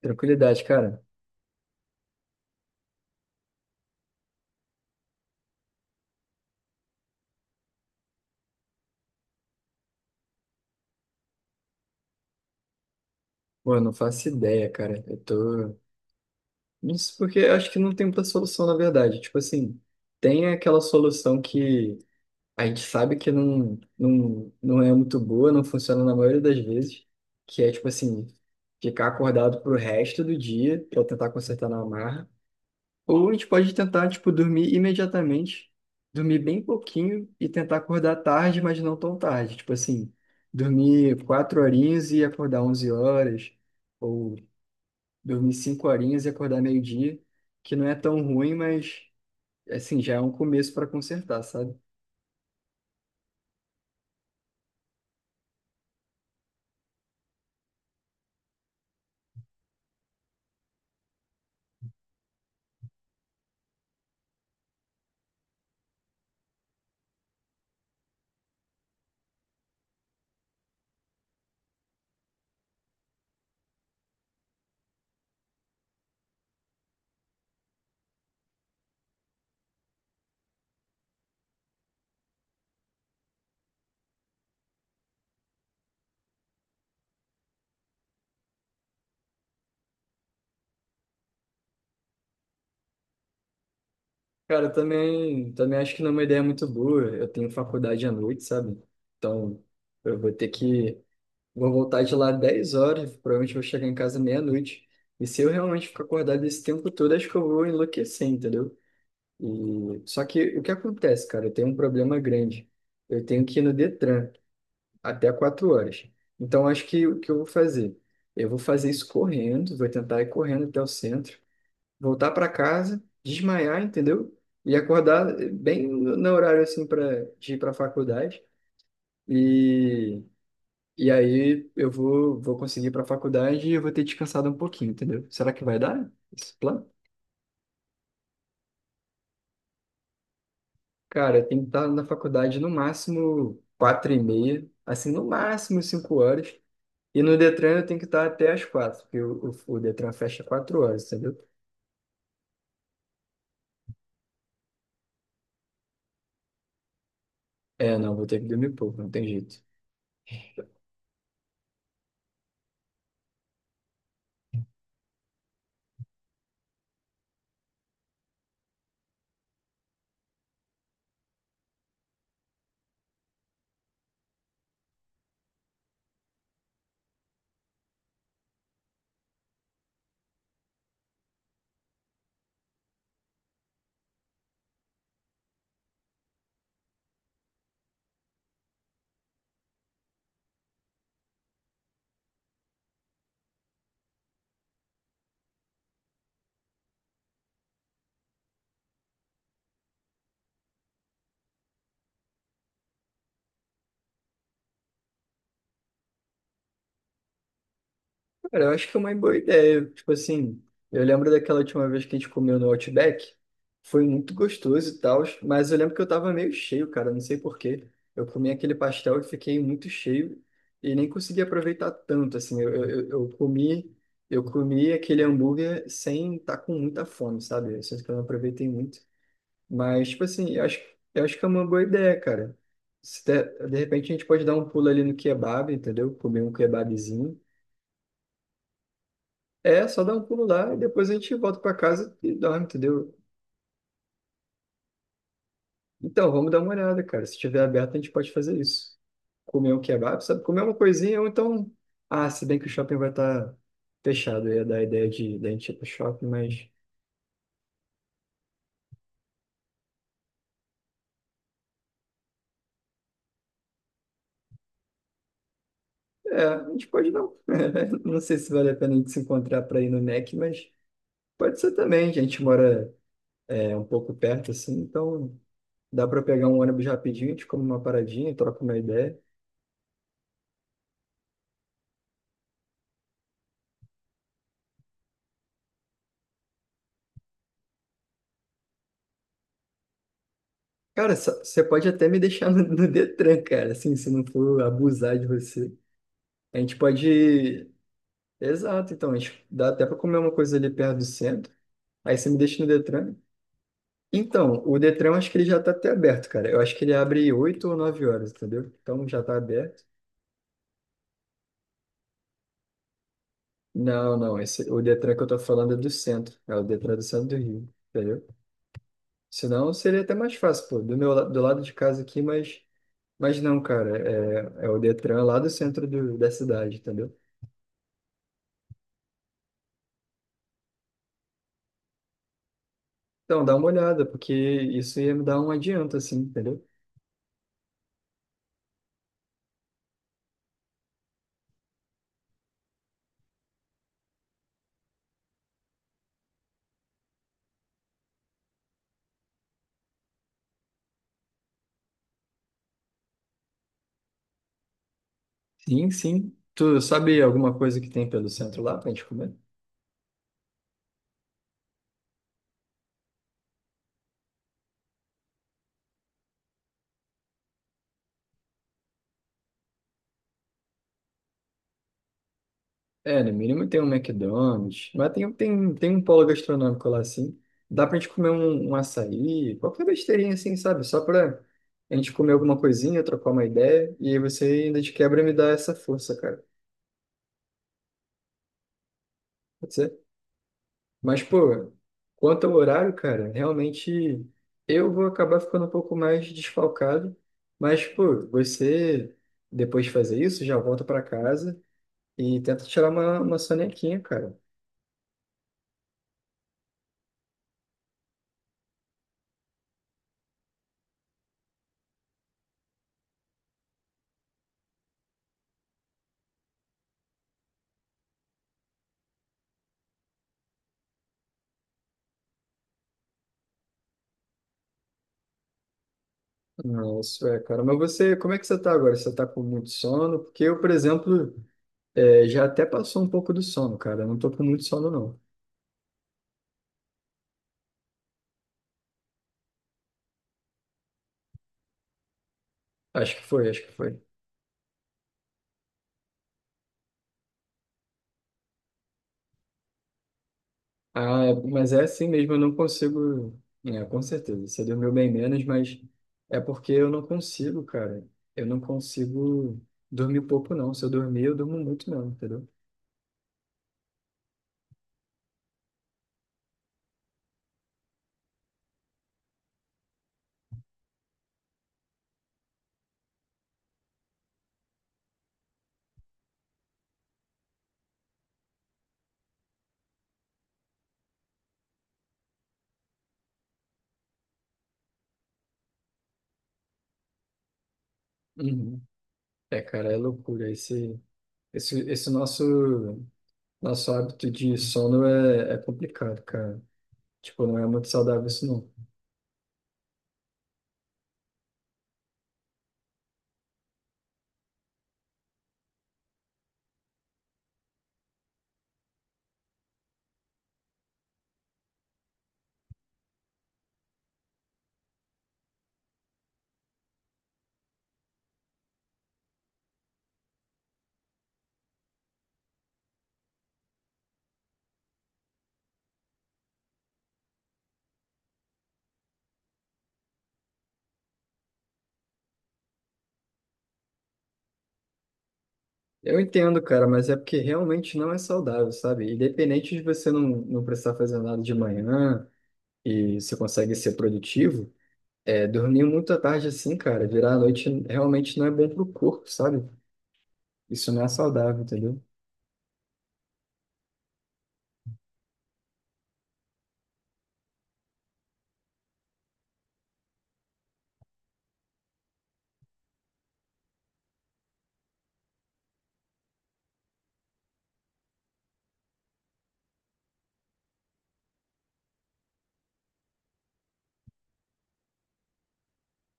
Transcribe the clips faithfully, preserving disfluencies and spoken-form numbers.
Tranquilidade, cara. Pô, eu não faço ideia, cara. Eu tô. Isso porque eu acho que não tem muita solução, na verdade. Tipo assim, tem aquela solução que a gente sabe que não, não, não é muito boa, não funciona na maioria das vezes, que é, tipo assim, ficar acordado pro resto do dia pra tentar consertar na marra. Ou a gente pode tentar, tipo, dormir imediatamente, dormir bem pouquinho e tentar acordar tarde, mas não tão tarde. Tipo assim, dormir quatro horinhas e acordar onze horas, ou dormir cinco horinhas e acordar meio-dia, que não é tão ruim, mas, assim, já é um começo para consertar, sabe? Cara, eu também, também acho que não é uma ideia muito boa. Eu tenho faculdade à noite, sabe? Então, eu vou ter que vou voltar de lá dez horas, provavelmente vou chegar em casa meia-noite. E se eu realmente ficar acordado esse tempo todo, acho que eu vou enlouquecer, entendeu? E só que o que acontece, cara? Eu tenho um problema grande. Eu tenho que ir no Detran até quatro horas. Então, acho que o que eu vou fazer? Eu vou fazer isso correndo, vou tentar ir correndo até o centro, voltar para casa, desmaiar, entendeu? E acordar bem no no horário assim para de ir para a faculdade. e e aí eu vou, vou conseguir ir para a faculdade e eu vou ter descansado um pouquinho, entendeu? Será que vai dar esse plano? Cara, tem que estar na faculdade no máximo quatro e meia, assim, no máximo cinco horas. E no Detran eu tenho que estar até as quatro, porque o, o, o Detran fecha quatro horas, entendeu? É, não, vou ter que dormir pouco, não tem jeito. Cara, eu acho que é uma boa ideia. Tipo assim, eu lembro daquela última vez que a gente comeu no Outback. Foi muito gostoso e tal, mas eu lembro que eu tava meio cheio, cara, não sei por quê. Eu comi aquele pastel e fiquei muito cheio e nem consegui aproveitar tanto, assim. Eu, eu, eu- comi, eu comi aquele hambúrguer sem estar tá com muita fome, sabe? Eu sinto que eu não aproveitei muito. Mas, tipo assim, eu acho, eu acho que é uma boa ideia, cara. Se der- De repente a gente pode dar um pulo ali no kebab, entendeu? Comer um kebabzinho. É, só dá um pulo lá e depois a gente volta pra casa e dorme, entendeu? Então, vamos dar uma olhada, cara. Se tiver aberto, a gente pode fazer isso. Comer um kebab, sabe? Comer uma coisinha ou então. Ah, se bem que o shopping vai estar fechado, eu ia dar a ideia de, da gente ir pro shopping, mas. É, a gente pode não. Não sei se vale a pena a gente se encontrar pra ir no Mac, mas pode ser também. A gente mora é, um pouco perto, assim, então dá pra pegar um ônibus rapidinho, a gente come uma paradinha, troca uma ideia. Cara, só- você pode até me deixar no, no Detran, cara, assim, se não for abusar de você. A gente pode. Exato, então, a gente dá até pra comer uma coisa ali perto do centro. Aí você me deixa no Detran. Então, o Detran eu acho que ele já tá até aberto, cara. Eu acho que ele abre oito ou nove horas, entendeu? Então já tá aberto. Não, não, esse, o Detran que eu tô falando é do centro. É o Detran do centro do Rio, entendeu? Senão seria até mais fácil, pô, do meu, la- do lado de casa aqui, mas. Mas não, cara, é, é o Detran lá do centro do- da cidade, entendeu? Então, dá uma olhada, porque isso ia me dar um adianto, assim, entendeu? Sim, sim. Tu sabe alguma coisa que tem pelo centro lá pra gente comer? É, no mínimo tem um McDonald's, mas tem, tem, tem um polo gastronômico lá, assim. Dá pra gente comer um, um açaí, qualquer besteirinha, assim, sabe? Só pra a gente comer alguma coisinha, trocar uma ideia, e aí você ainda de quebra me dá essa força, cara. Pode ser? Mas, pô, quanto ao horário, cara, realmente eu vou acabar ficando um pouco mais desfalcado. Mas, pô, você, depois de fazer isso, já volta pra casa e tenta tirar uma, uma sonequinha, cara. Não, é, cara. Mas você, como é que você tá agora? Você tá com muito sono? Porque eu, por exemplo, é, já até passou um pouco do sono, cara. Eu não tô com muito sono, não. Acho que foi, acho que foi. Ah, é- mas é assim mesmo, eu não consigo. É, com certeza, você dormiu bem menos, mas é porque eu não consigo, cara. Eu não consigo dormir pouco, não. Se eu dormir, eu durmo muito, não, entendeu? Uhum. É, cara, é loucura. Esse, esse, esse nosso, Nosso hábito de sono é, é complicado, cara. Tipo, não é muito saudável isso, não. Eu entendo, cara, mas é porque realmente não é saudável, sabe? Independente de você não, não precisar fazer nada de manhã e você consegue ser produtivo. É, dormir muito à tarde assim, cara, virar a noite realmente não é bom pro corpo, sabe? Isso não é saudável, entendeu?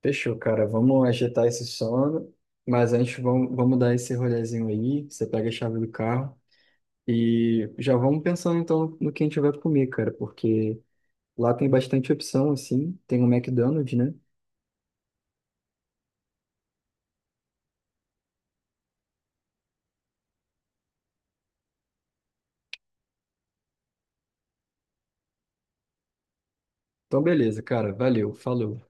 Fechou, cara. Vamos agitar esse sono, mas antes vamos, vamos dar esse rolezinho aí. Você pega a chave do carro e já vamos pensando então no que a gente vai comer, cara, porque lá tem bastante opção, assim. Tem o McDonald's, né? Então, beleza, cara. Valeu, falou.